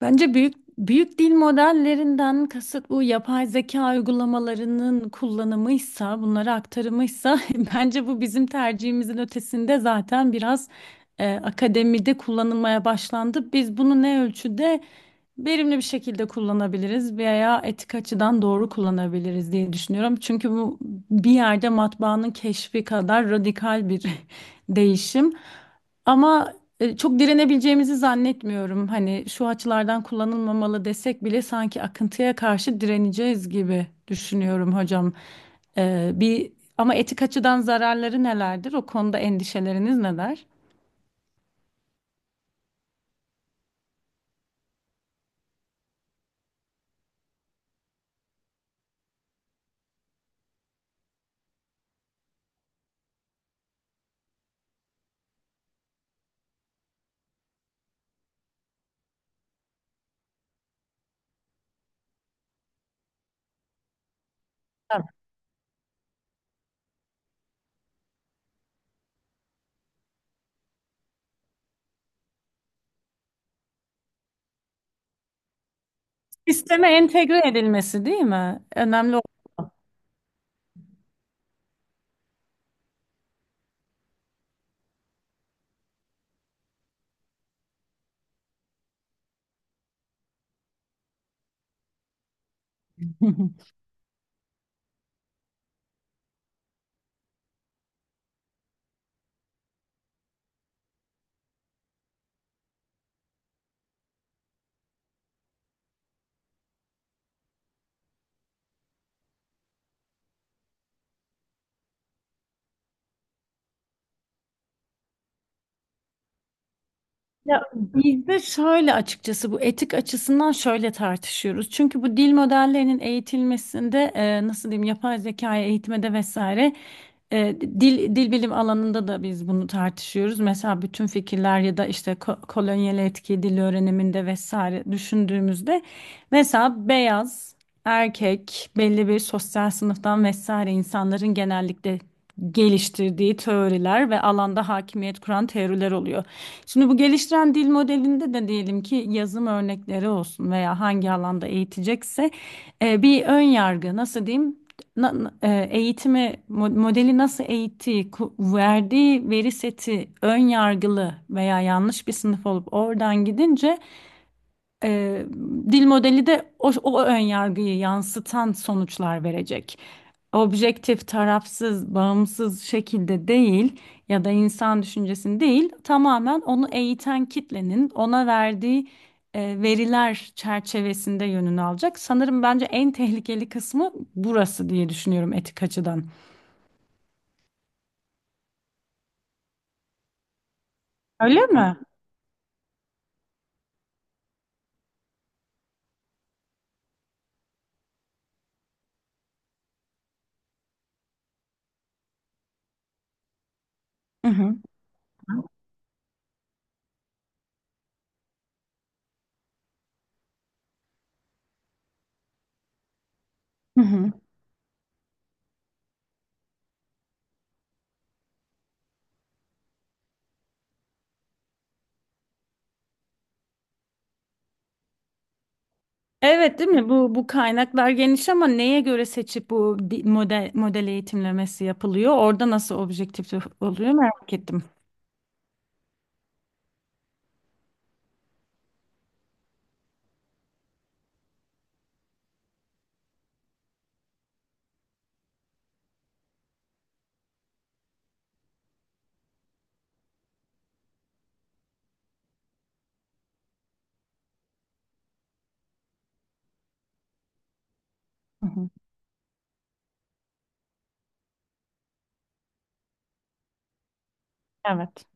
Bence büyük dil modellerinden kasıt bu yapay zeka uygulamalarının kullanımıysa, bunlara aktarımıysa bence bu bizim tercihimizin ötesinde zaten biraz akademide kullanılmaya başlandı. Biz bunu ne ölçüde verimli bir şekilde kullanabiliriz veya etik açıdan doğru kullanabiliriz diye düşünüyorum. Çünkü bu bir yerde matbaanın keşfi kadar radikal bir değişim. Ama çok direnebileceğimizi zannetmiyorum. Hani şu açılardan kullanılmamalı desek bile sanki akıntıya karşı direneceğiz gibi düşünüyorum hocam. E, bir ama etik açıdan zararları nelerdir? O konuda endişeleriniz neler? Tabii. Sisteme entegre edilmesi değil mi? Önemli. Ya bizde şöyle açıkçası bu etik açısından şöyle tartışıyoruz. Çünkü bu dil modellerinin eğitilmesinde nasıl diyeyim yapay zekaya eğitmede vesaire dil bilim alanında da biz bunu tartışıyoruz. Mesela bütün fikirler ya da işte kolonyal etki dil öğreniminde vesaire düşündüğümüzde mesela beyaz erkek belli bir sosyal sınıftan vesaire insanların genellikle geliştirdiği teoriler ve alanda hakimiyet kuran teoriler oluyor. Şimdi bu geliştiren dil modelinde de diyelim ki yazım örnekleri olsun veya hangi alanda eğitecekse bir ön yargı nasıl diyeyim modeli nasıl eğittiği verdiği veri seti ön yargılı veya yanlış bir sınıf olup oradan gidince Eee, dil modeli de o ön yargıyı yansıtan sonuçlar verecek. Objektif, tarafsız, bağımsız şekilde değil ya da insan düşüncesini değil, tamamen onu eğiten kitlenin ona verdiği veriler çerçevesinde yönünü alacak. Sanırım bence en tehlikeli kısmı burası diye düşünüyorum etik açıdan. Öyle mi? Hı hı. Hı hı. Evet, değil mi? Bu kaynaklar geniş ama neye göre seçip bu model eğitimlemesi yapılıyor? Orada nasıl objektif oluyor merak ettim. Hı hı. Evet.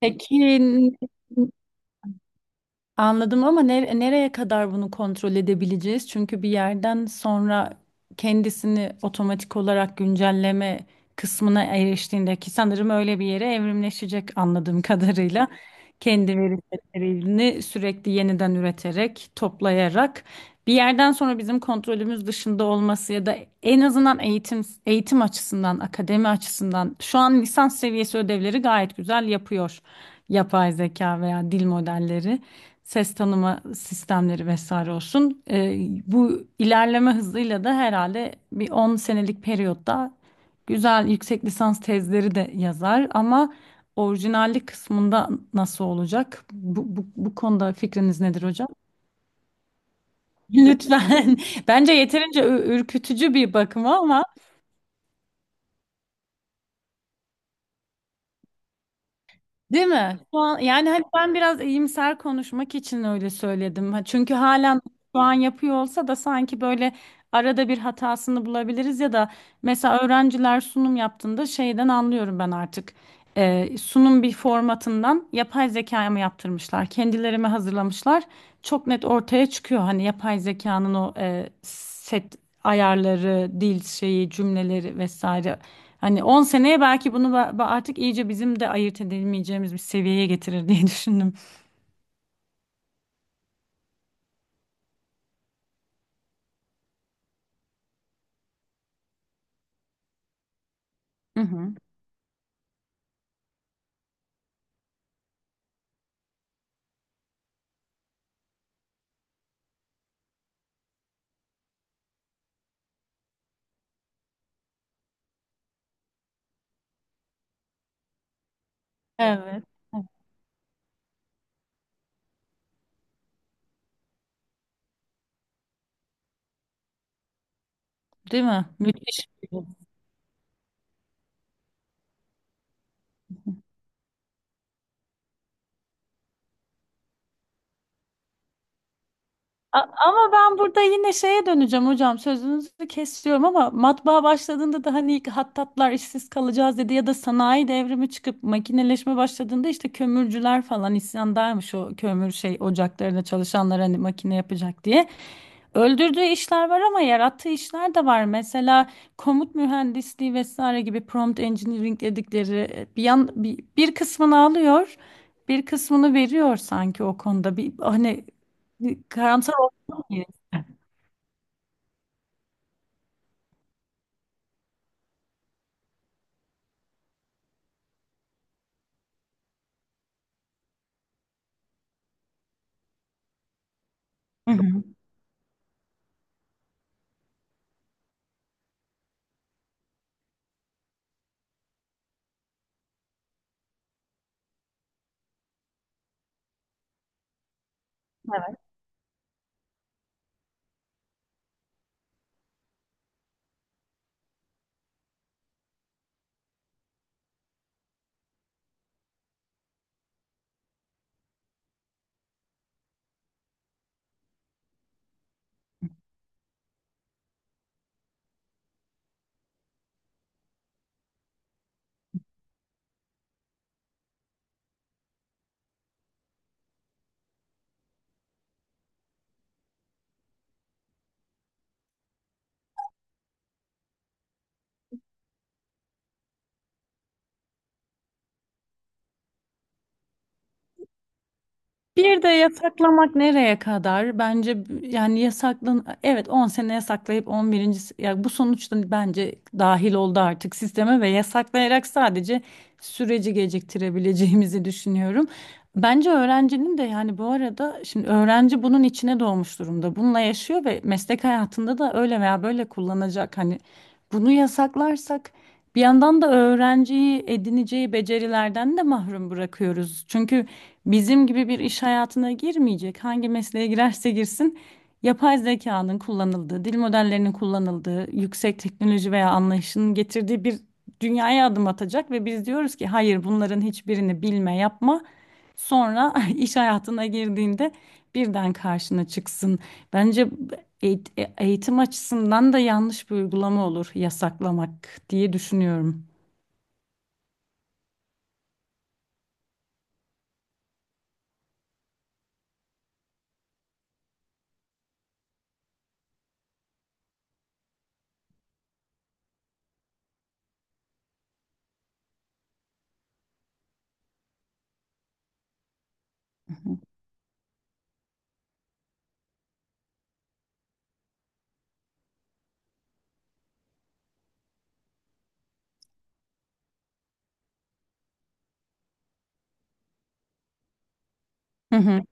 Peki, anladım ama nereye kadar bunu kontrol edebileceğiz? Çünkü bir yerden sonra kendisini otomatik olarak güncelleme kısmına eriştiğinde ki sanırım öyle bir yere evrimleşecek anladığım kadarıyla. Kendi veri setlerini sürekli yeniden üreterek, toplayarak bir yerden sonra bizim kontrolümüz dışında olması ya da en azından eğitim açısından, akademi açısından şu an lisans seviyesi ödevleri gayet güzel yapıyor yapay zeka veya dil modelleri ses tanıma sistemleri vesaire olsun. Bu ilerleme hızıyla da herhalde bir 10 senelik periyotta güzel yüksek lisans tezleri de yazar ama orijinallik kısmında nasıl olacak? Bu konuda fikriniz nedir hocam? Lütfen. Bence yeterince ürkütücü bir bakıma ama. Değil mi? Şu an, yani hani ben biraz iyimser konuşmak için öyle söyledim. Ha, çünkü halen şu an yapıyor olsa da sanki böyle arada bir hatasını bulabiliriz ya da mesela öğrenciler sunum yaptığında şeyden anlıyorum ben artık. Sunum bir formatından yapay zekaya mı yaptırmışlar, kendileri mi hazırlamışlar? Çok net ortaya çıkıyor hani yapay zekanın o set ayarları, dil şeyi, cümleleri vesaire. Hani 10 seneye belki bunu artık iyice bizim de ayırt edemeyeceğimiz bir seviyeye getirir diye düşündüm. Hı hı. Evet. Evet. Değil mi? Müthiş. A- Ama ben burada yine şeye döneceğim hocam, sözünüzü kesiyorum ama matbaa başladığında da hani ilk hattatlar işsiz kalacağız dedi ya da sanayi devrimi çıkıp makineleşme başladığında işte kömürcüler falan isyandaymış o kömür şey ocaklarında çalışanlar hani makine yapacak diye. Öldürdüğü işler var ama yarattığı işler de var. Mesela komut mühendisliği vesaire gibi prompt engineering dedikleri bir kısmını alıyor, bir kısmını veriyor sanki o konuda. Bir hani karamsar. Yes. Hı hı. Bir de yasaklamak nereye kadar? Bence yani yasaklan evet 10 sene yasaklayıp 11. Ya bu sonuçta bence dahil oldu artık sisteme ve yasaklayarak sadece süreci geciktirebileceğimizi düşünüyorum. Bence öğrencinin de yani bu arada şimdi öğrenci bunun içine doğmuş durumda. Bununla yaşıyor ve meslek hayatında da öyle veya böyle kullanacak. Hani bunu yasaklarsak bir yandan da öğrenciyi edineceği becerilerden de mahrum bırakıyoruz. Çünkü bizim gibi bir iş hayatına girmeyecek. Hangi mesleğe girerse girsin, yapay zekanın kullanıldığı, dil modellerinin kullanıldığı, yüksek teknoloji veya anlayışının getirdiği bir dünyaya adım atacak ve biz diyoruz ki hayır, bunların hiçbirini bilme, yapma. Sonra iş hayatına girdiğinde birden karşına çıksın. Bence eğitim açısından da yanlış bir uygulama olur yasaklamak diye düşünüyorum. Hı hı. Hı hı.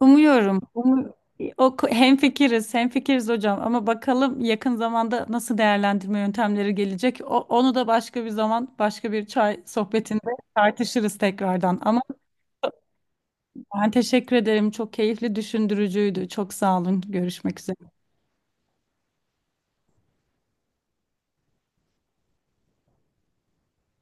Umuyorum. O, hemfikiriz, hemfikiriz hocam, ama bakalım yakın zamanda nasıl değerlendirme yöntemleri gelecek. O, onu da başka bir zaman, başka bir çay sohbetinde tartışırız tekrardan. Ama ben teşekkür ederim. Çok keyifli, düşündürücüydü. Çok sağ olun. Görüşmek üzere.